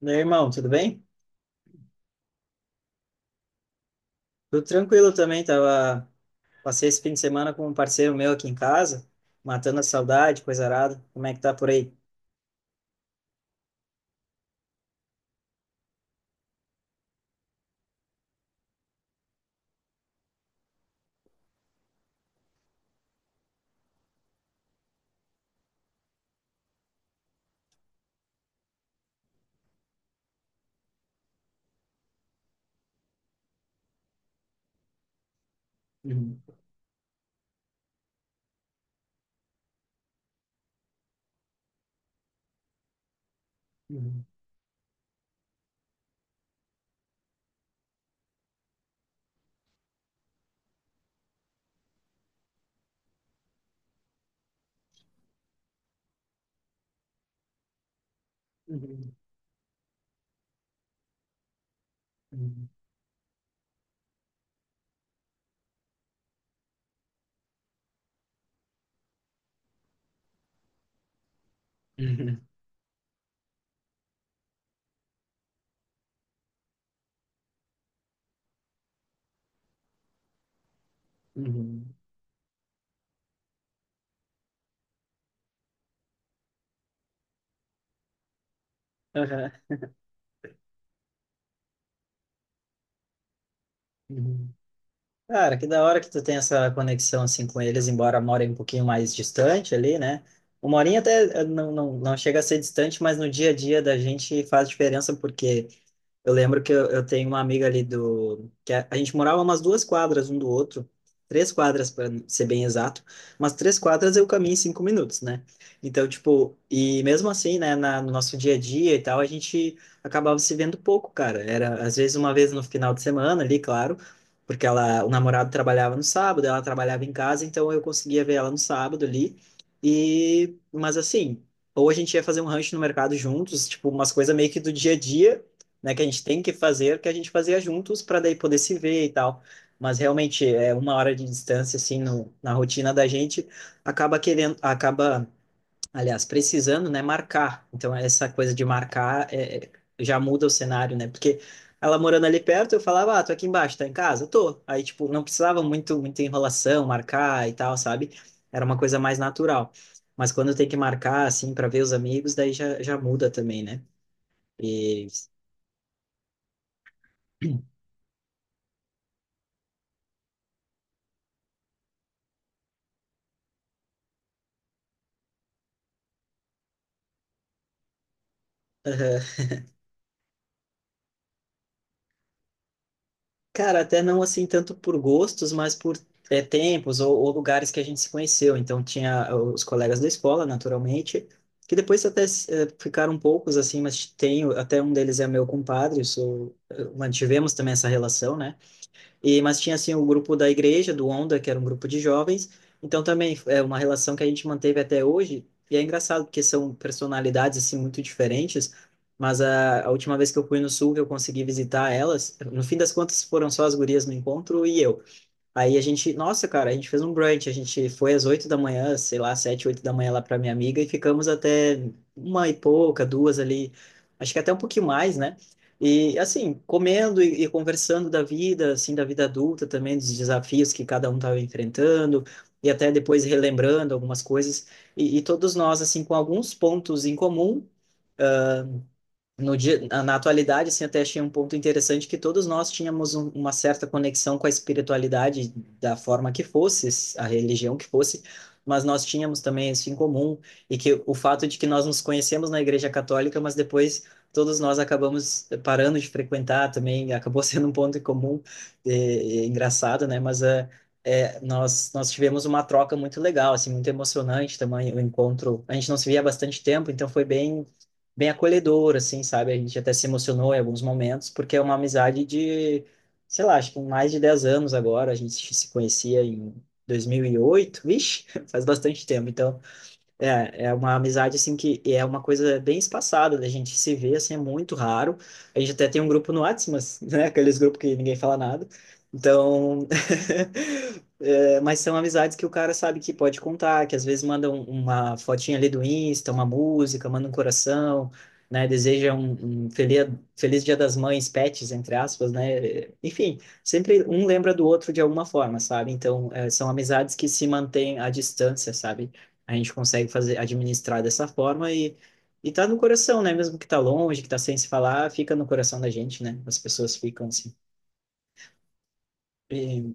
Meu irmão, tudo bem? Tudo tranquilo também, tava. Passei esse fim de semana com um parceiro meu aqui em casa, matando a saudade, coisa arada. Como é que tá por aí? Uhum, uhum, uhum, uhum, uhum, uhum, aham, uhum. Cara, que da hora que tu tem essa conexão assim com eles, embora morem um pouquinho mais distante ali, né? Uma horinha até não, não, não chega a ser distante, mas no dia a dia da gente faz diferença porque eu lembro que eu tenho uma amiga ali do... que a gente morava umas 2 quadras um do outro. 3 quadras, para ser bem exato. Mas 3 quadras eu caminho em 5 minutos, né? Então, tipo. E mesmo assim, né? No nosso dia a dia e tal, a gente acabava se vendo pouco, cara. Era, às vezes, uma vez no final de semana ali, claro. Porque ela, o namorado trabalhava no sábado, ela trabalhava em casa. Então, eu conseguia ver ela no sábado ali. E. Mas assim. Ou a gente ia fazer um rancho no mercado juntos, tipo, umas coisas meio que do dia a dia, né, que a gente tem que fazer, que a gente fazia juntos para daí poder se ver e tal. Mas realmente é 1 hora de distância assim no, na rotina da gente acaba querendo, acaba, aliás, precisando, né, marcar. Então essa coisa de marcar já muda o cenário, né? Porque ela morando ali perto, eu falava, ah, tô aqui embaixo, tá em casa? Tô. Aí tipo, não precisava muito muita enrolação, marcar e tal, sabe? Era uma coisa mais natural. Mas quando tem que marcar assim para ver os amigos, daí já muda também, né? E cara, até não assim tanto por gostos, mas por tempos ou lugares que a gente se conheceu. Então tinha ah, os colegas da escola, naturalmente, que depois ficaram poucos assim, mas tenho até um deles é meu compadre, mantivemos também essa relação, né? E, mas tinha, assim, o grupo da igreja, do Onda, que era um grupo de jovens. Então, também é uma relação que a gente manteve até hoje. E é engraçado, porque são personalidades, assim, muito diferentes. Mas a última vez que eu fui no Sul, que eu consegui visitar elas, no fim das contas, foram só as gurias no encontro e eu. Aí a gente, nossa, cara, a gente fez um brunch, a gente foi às 8 da manhã, sei lá, 7, 8 da manhã lá pra minha amiga e ficamos até uma e pouca, duas ali, acho que até um pouquinho mais, né? E assim, comendo e conversando da vida, assim, da vida adulta também, dos desafios que cada um estava enfrentando e até depois relembrando algumas coisas e todos nós, assim, com alguns pontos em comum no dia, na atualidade, assim, até achei um ponto interessante que todos nós tínhamos uma certa conexão com a espiritualidade da forma que fosse, a religião que fosse, mas nós tínhamos também isso em comum e que o fato de que nós nos conhecemos na Igreja Católica, mas depois todos nós acabamos parando de frequentar também, acabou sendo um ponto em comum, é engraçado, né? Mas nós tivemos uma troca muito legal, assim, muito emocionante também o encontro. A gente não se via há bastante tempo, então foi bem acolhedor, assim, sabe? A gente até se emocionou em alguns momentos, porque é uma amizade de, sei lá, acho que mais de 10 anos agora. A gente se conhecia em 2008, vixe, faz bastante tempo. Então, é uma amizade assim que é uma coisa bem espaçada, né? A gente se vê assim, é muito raro. A gente até tem um grupo no WhatsApp, mas, né? Aqueles grupos que ninguém fala nada. Então, é, mas são amizades que o cara sabe que pode contar, que às vezes uma fotinha ali do Insta, uma música, manda um coração, né? Deseja um feliz, Dia das Mães, pets, entre aspas, né? Enfim, sempre um lembra do outro de alguma forma, sabe? Então, é, são amizades que se mantêm à distância, sabe? A gente consegue fazer, administrar dessa forma e tá no coração, né? Mesmo que tá longe, que tá sem se falar, fica no coração da gente, né? As pessoas ficam assim. E,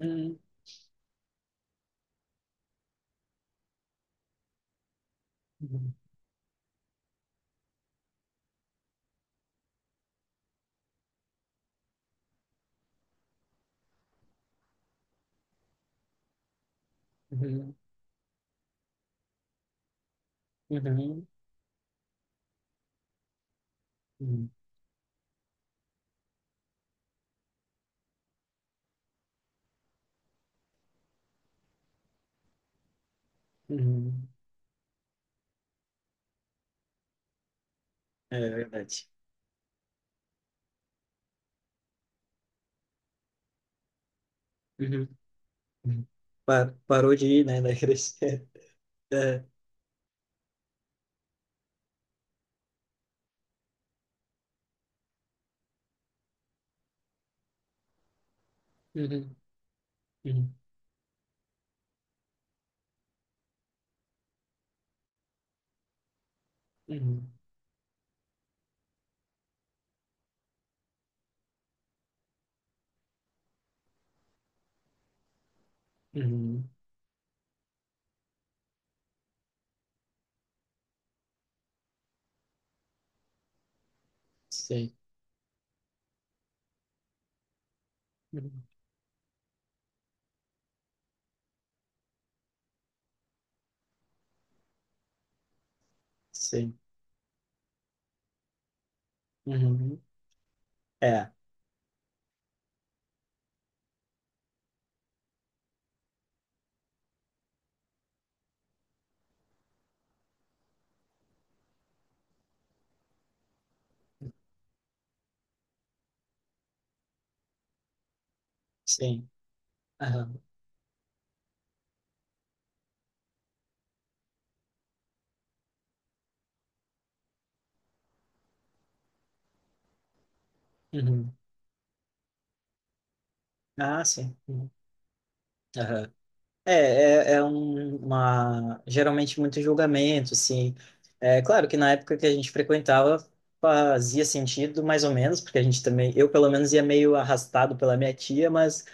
hum, uhum, uhum, uhum, uhum, uhum. É verdade. Uhum, uhum. Parou de ir, né? Da igreja. É. Uhum, uhum, uhum, uhum. Sim. Uhum, sim. Uhum. É, sim. Aham. Uhum. Ah, sim. Uhum. Aham. Uma, geralmente muito julgamento, assim. É claro que na época que a gente frequentava fazia sentido, mais ou menos, porque a gente também, eu pelo menos ia meio arrastado pela minha tia, mas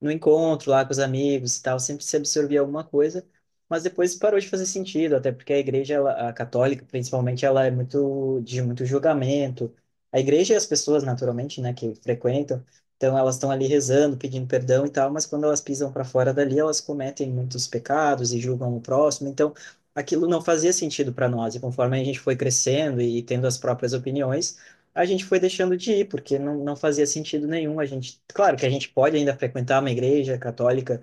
no encontro lá com os amigos e tal, sempre se absorvia alguma coisa, mas depois parou de fazer sentido, até porque a igreja, ela, a católica principalmente, ela é muito de muito julgamento. A igreja e as pessoas, naturalmente, né, que frequentam, então elas estão ali rezando, pedindo perdão e tal, mas quando elas pisam para fora dali, elas cometem muitos pecados e julgam o próximo. Então aquilo não fazia sentido para nós. E conforme a gente foi crescendo e tendo as próprias opiniões, a gente foi deixando de ir, porque não, não fazia sentido nenhum. A gente, claro que a gente pode ainda frequentar uma igreja católica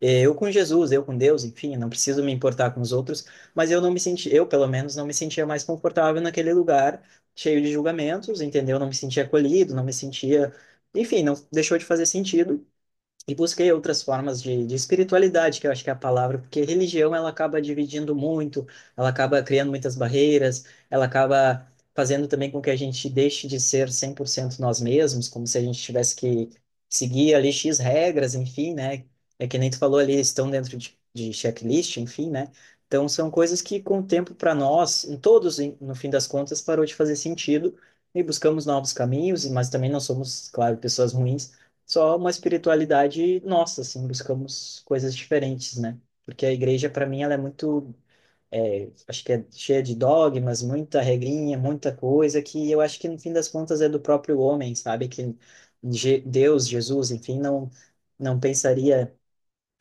eu com Jesus, eu com Deus, enfim, não preciso me importar com os outros, mas eu não me senti, eu pelo menos não me sentia mais confortável naquele lugar cheio de julgamentos, entendeu? Não me sentia acolhido, não me sentia, enfim, não deixou de fazer sentido e busquei outras formas de espiritualidade, que eu acho que é a palavra, porque religião ela acaba dividindo muito, ela acaba criando muitas barreiras, ela acaba fazendo também com que a gente deixe de ser 100% nós mesmos, como se a gente tivesse que seguir ali X regras, enfim, né? É que nem tu falou ali, estão dentro de checklist, enfim, né? Então são coisas que com o tempo para nós, em todos, no fim das contas, parou de fazer sentido e buscamos novos caminhos, mas também não somos, claro, pessoas ruins, só uma espiritualidade nossa, assim, buscamos coisas diferentes, né? Porque a igreja, para mim, ela é muito, é, acho que é cheia de dogmas, muita regrinha, muita coisa que eu acho que no fim das contas é do próprio homem, sabe? Que Deus, Jesus, enfim, não não pensaria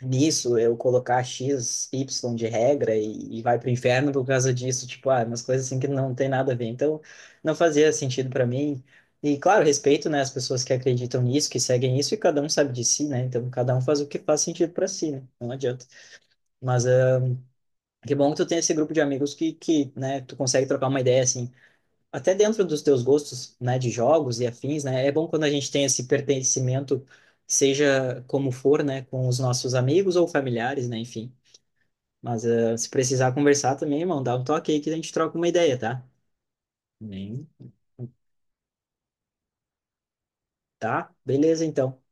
nisso, eu colocar X, Y de regra e vai pro inferno por causa disso, tipo, ah, umas coisas assim que não tem nada a ver. Então, não fazia sentido para mim. E, claro, respeito, né, as pessoas que acreditam nisso, que seguem isso, e cada um sabe de si, né? Então, cada um faz o que faz sentido para si, né? Não adianta. Mas, ah, que bom que tu tem esse grupo de amigos né, tu consegue trocar uma ideia, assim, até dentro dos teus gostos, né, de jogos e afins, né? É bom quando a gente tem esse pertencimento, seja como for, né, com os nossos amigos ou familiares, né, enfim. Mas se precisar conversar também, irmão, dá um toque aí que a gente troca uma ideia, tá? Nem. Tá? Beleza, então.